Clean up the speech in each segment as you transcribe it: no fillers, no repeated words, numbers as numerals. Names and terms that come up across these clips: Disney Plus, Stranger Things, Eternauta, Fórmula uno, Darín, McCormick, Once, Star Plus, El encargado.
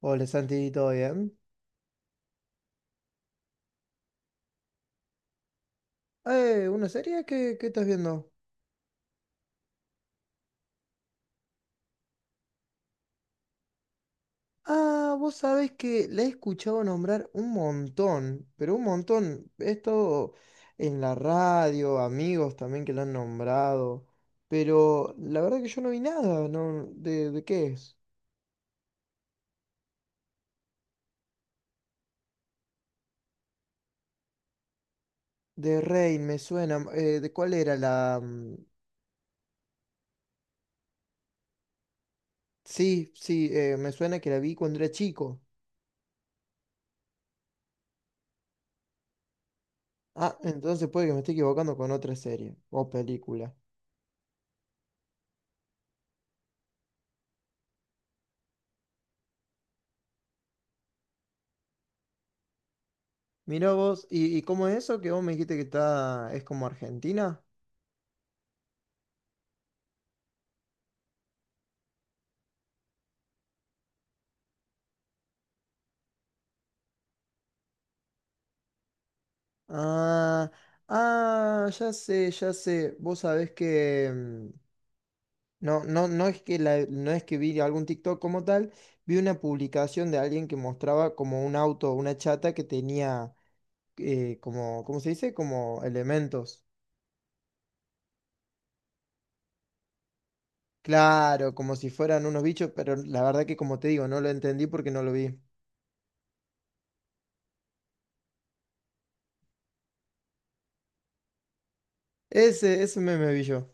Hola Santi, ¿todo bien? ¿Una serie? ¿Qué estás viendo? Ah, vos sabés que la he escuchado nombrar un montón, pero un montón. Esto en la radio, amigos también que la han nombrado. Pero la verdad que yo no vi nada, ¿no? ¿De qué es? De Rain, me suena. ¿De cuál era la...? Sí, sí, me suena que la vi cuando era chico. Ah, entonces puede que me esté equivocando con otra serie o película. Mirá vos, ¿y cómo es eso que vos me dijiste que está, es como Argentina? Ah, ah, ya sé, ya sé. Vos sabés que no es que no es que vi algún TikTok como tal, vi una publicación de alguien que mostraba como un auto, una chata que tenía como, ¿cómo se dice? Como elementos. Claro, como si fueran unos bichos, pero la verdad que como te digo, no lo entendí porque no lo vi. Ese meme vi yo.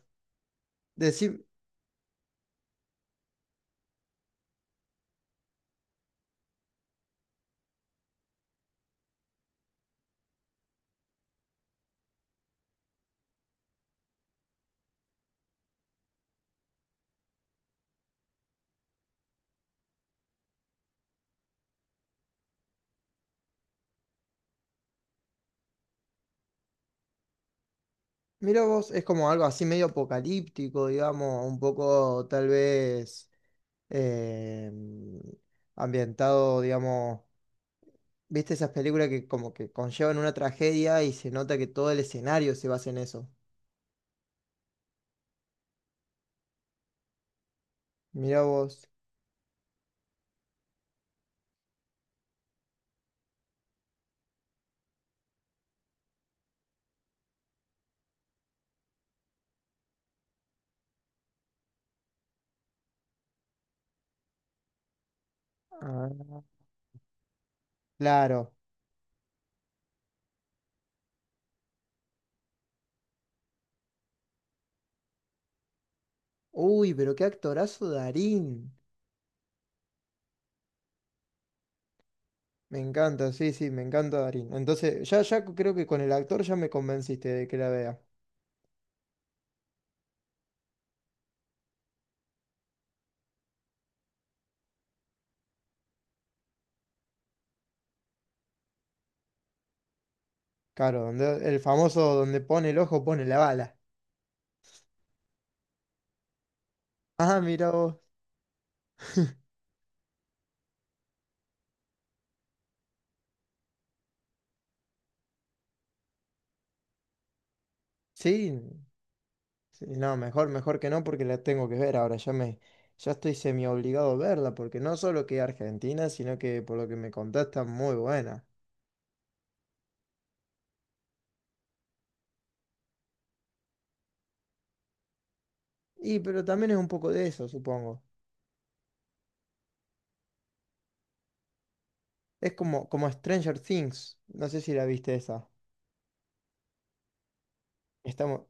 Mira vos, es como algo así medio apocalíptico, digamos, un poco tal vez eh, ambientado, digamos, ¿viste esas películas que como que conllevan una tragedia y se nota que todo el escenario se basa en eso? Mira vos. Ah, claro. Uy, pero qué actorazo Darín. Me encanta, sí, sí, me encanta Darín. Entonces, ya creo que con el actor ya me convenciste de que la vea. Claro, donde, el famoso donde pone el ojo, pone la bala. Ah, mira vos. Sí, sí, no, mejor que no porque la tengo que ver ahora, ya estoy semi obligado a verla, porque no solo que Argentina, sino que por lo que me contás está muy buena. Y pero también es un poco de eso, supongo. Es como Stranger Things, no sé si la viste esa. Está mu-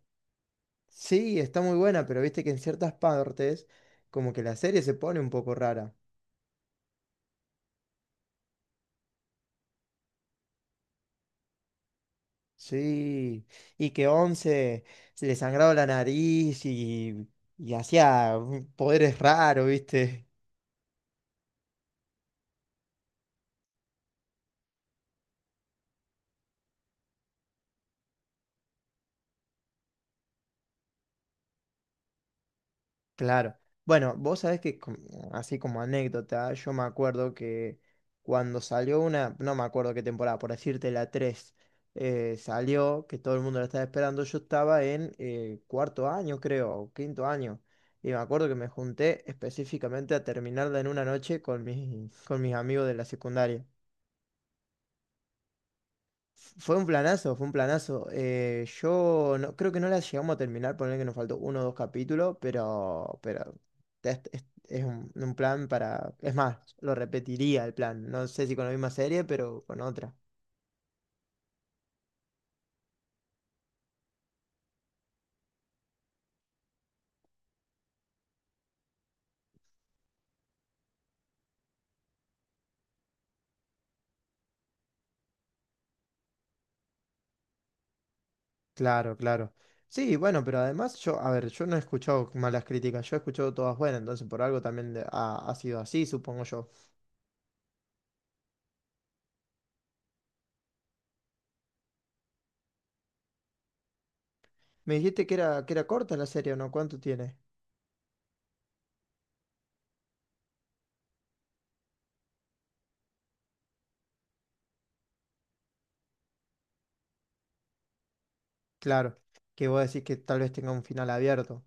sí, está muy buena, pero viste que en ciertas partes como que la serie se pone un poco rara. Sí, y que Once se le sangraba la nariz y hacía poderes raros, ¿viste? Claro. Bueno, vos sabés que, así como anécdota, yo me acuerdo que cuando salió una, no me acuerdo qué temporada, por decirte la 3, salió, que todo el mundo la estaba esperando, yo estaba en cuarto año, creo, o quinto año, y me acuerdo que me junté específicamente a terminarla en una noche con con mis amigos de la secundaria. Fue un planazo, fue un planazo. Yo no, creo que no la llegamos a terminar, poner que nos faltó uno o dos capítulos, pero es un plan para... Es más, lo repetiría el plan. No sé si con la misma serie, pero con otra. Claro, claro. Sí, bueno, pero además yo, a ver, yo no he escuchado malas críticas, yo he escuchado todas buenas, entonces por algo también ha, ha sido así, supongo yo. Me dijiste que era corta la serie, ¿o no? ¿Cuánto tiene? Claro, que vos decís que tal vez tenga un final abierto.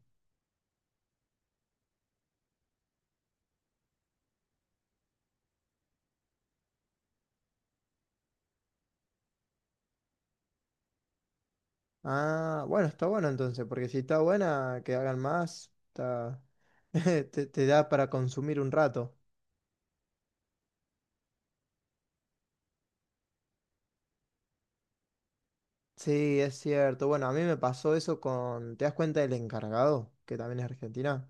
Ah, bueno, está bueno entonces, porque si está buena, que hagan más, está... te da para consumir un rato. Sí, es cierto. Bueno, a mí me pasó eso con... ¿Te das cuenta del encargado? Que también es argentina.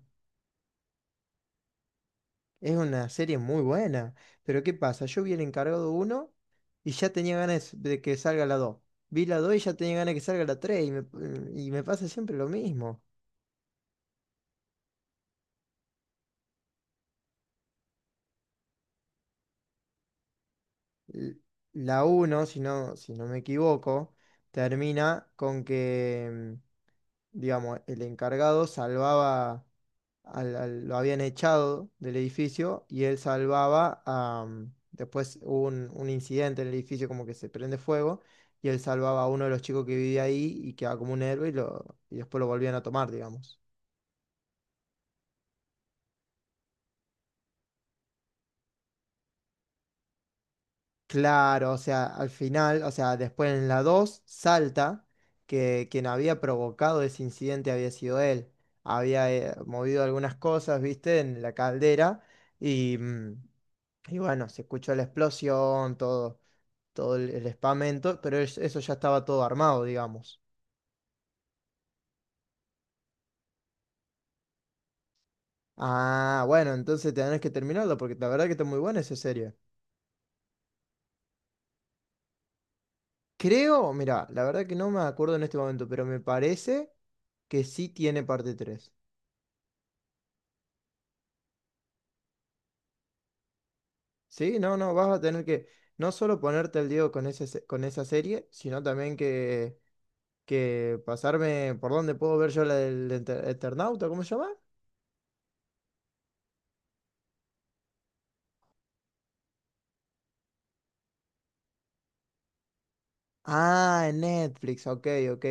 Es una serie muy buena. Pero ¿qué pasa? Yo vi el encargado uno y ya tenía ganas de que salga la 2. Vi la 2 y ya tenía ganas de que salga la 3 y me pasa siempre lo mismo. L- La uno, si no, si no me equivoco, termina con que... digamos, el encargado salvaba, lo habían echado del edificio y él salvaba a, mm, después hubo un incidente en el edificio como que se prende fuego y él salvaba a uno de los chicos que vivía ahí y quedaba como un héroe y después lo volvían a tomar, digamos. Claro, o sea, al final, o sea, después en la 2 salta que quien había provocado ese incidente había sido él. Había movido algunas cosas, viste, en la caldera y, mm, y bueno, se escuchó la explosión, todo, todo el espamento, pero eso ya estaba todo armado, digamos. Ah, bueno, entonces tenés que terminarlo porque la verdad que está muy buena esa serie. Creo, mira, la verdad que no me acuerdo en este momento, pero me parece que sí tiene parte 3. Sí, no, no, vas a tener que no solo ponerte al día con ese, con esa serie, sino también que pasarme por dónde puedo ver yo la del Eternauta, ¿cómo se llama? Ah, en Netflix, ok, ok.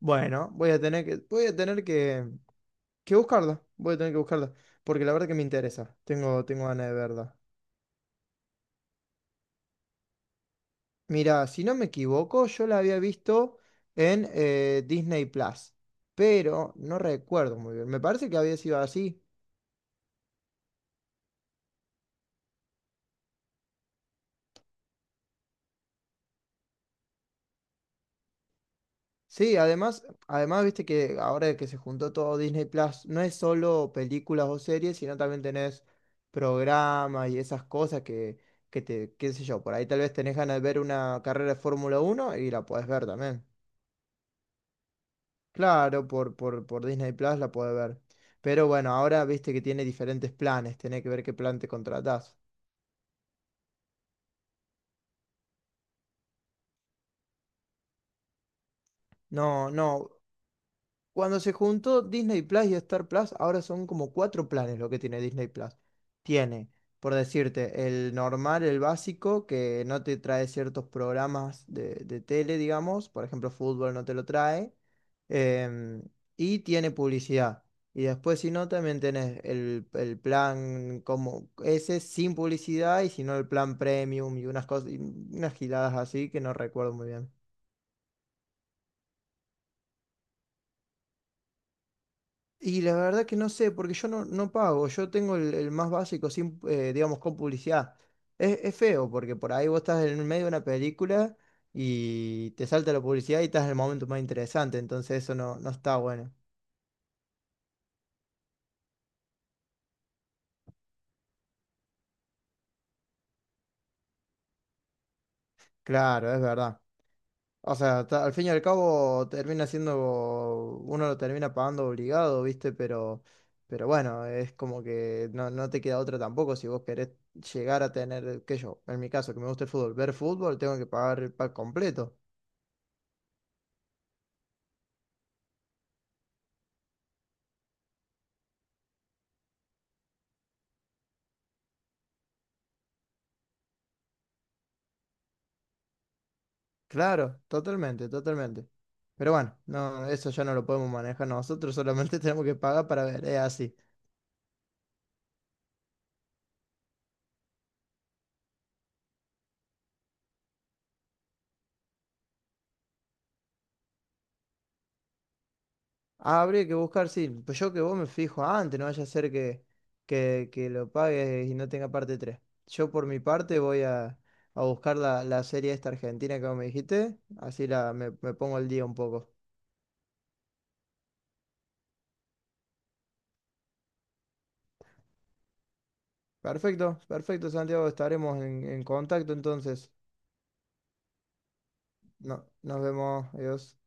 Bueno, voy a tener voy a tener que buscarla, voy a tener que buscarla, porque la verdad que me interesa, tengo, tengo ganas de verla. Mira, si no me equivoco, yo la había visto en Disney Plus, pero no recuerdo muy bien, me parece que había sido así. Sí, además, además, viste que ahora que se juntó todo Disney Plus, no es solo películas o series, sino también tenés programas y esas cosas que te, qué sé yo, por ahí tal vez tenés ganas de ver una carrera de Fórmula 1 y la podés ver también. Claro, por Disney Plus la podés ver. Pero bueno, ahora viste que tiene diferentes planes, tenés que ver qué plan te contratás. No, no. Cuando se juntó Disney Plus y Star Plus, ahora son como cuatro planes lo que tiene Disney Plus. Tiene, por decirte, el normal, el básico, que no te trae ciertos programas de tele, digamos, por ejemplo, fútbol no te lo trae, em, y tiene publicidad. Y después, si no, también tenés el plan como ese sin publicidad, y si no, el plan premium y unas cosas, y unas giladas así que no recuerdo muy bien. Y la verdad que no sé, porque yo no, no pago, yo tengo el más básico, sin, digamos, con publicidad. Es feo, porque por ahí vos estás en el medio de una película y te salta la publicidad y estás en el momento más interesante, entonces eso no, no está bueno. Claro, es verdad. O sea, al fin y al cabo termina siendo, uno lo termina pagando obligado, ¿viste? Pero bueno, es como que no, no te queda otra tampoco si vos querés llegar a tener, qué sé yo, en mi caso que me gusta el fútbol, ver fútbol, tengo que pagar el pack completo. Claro, totalmente, totalmente. Pero bueno, no, eso ya no lo podemos manejar nosotros, solamente tenemos que pagar para ver, es así. Ah, habría que buscar, sí, pues yo que vos me fijo antes, no vaya a ser que lo pagues y no tenga parte 3. Yo por mi parte voy a buscar la serie esta argentina que vos me dijiste, así me pongo al día un poco. Perfecto, perfecto, Santiago, estaremos en contacto entonces. No, nos vemos, adiós.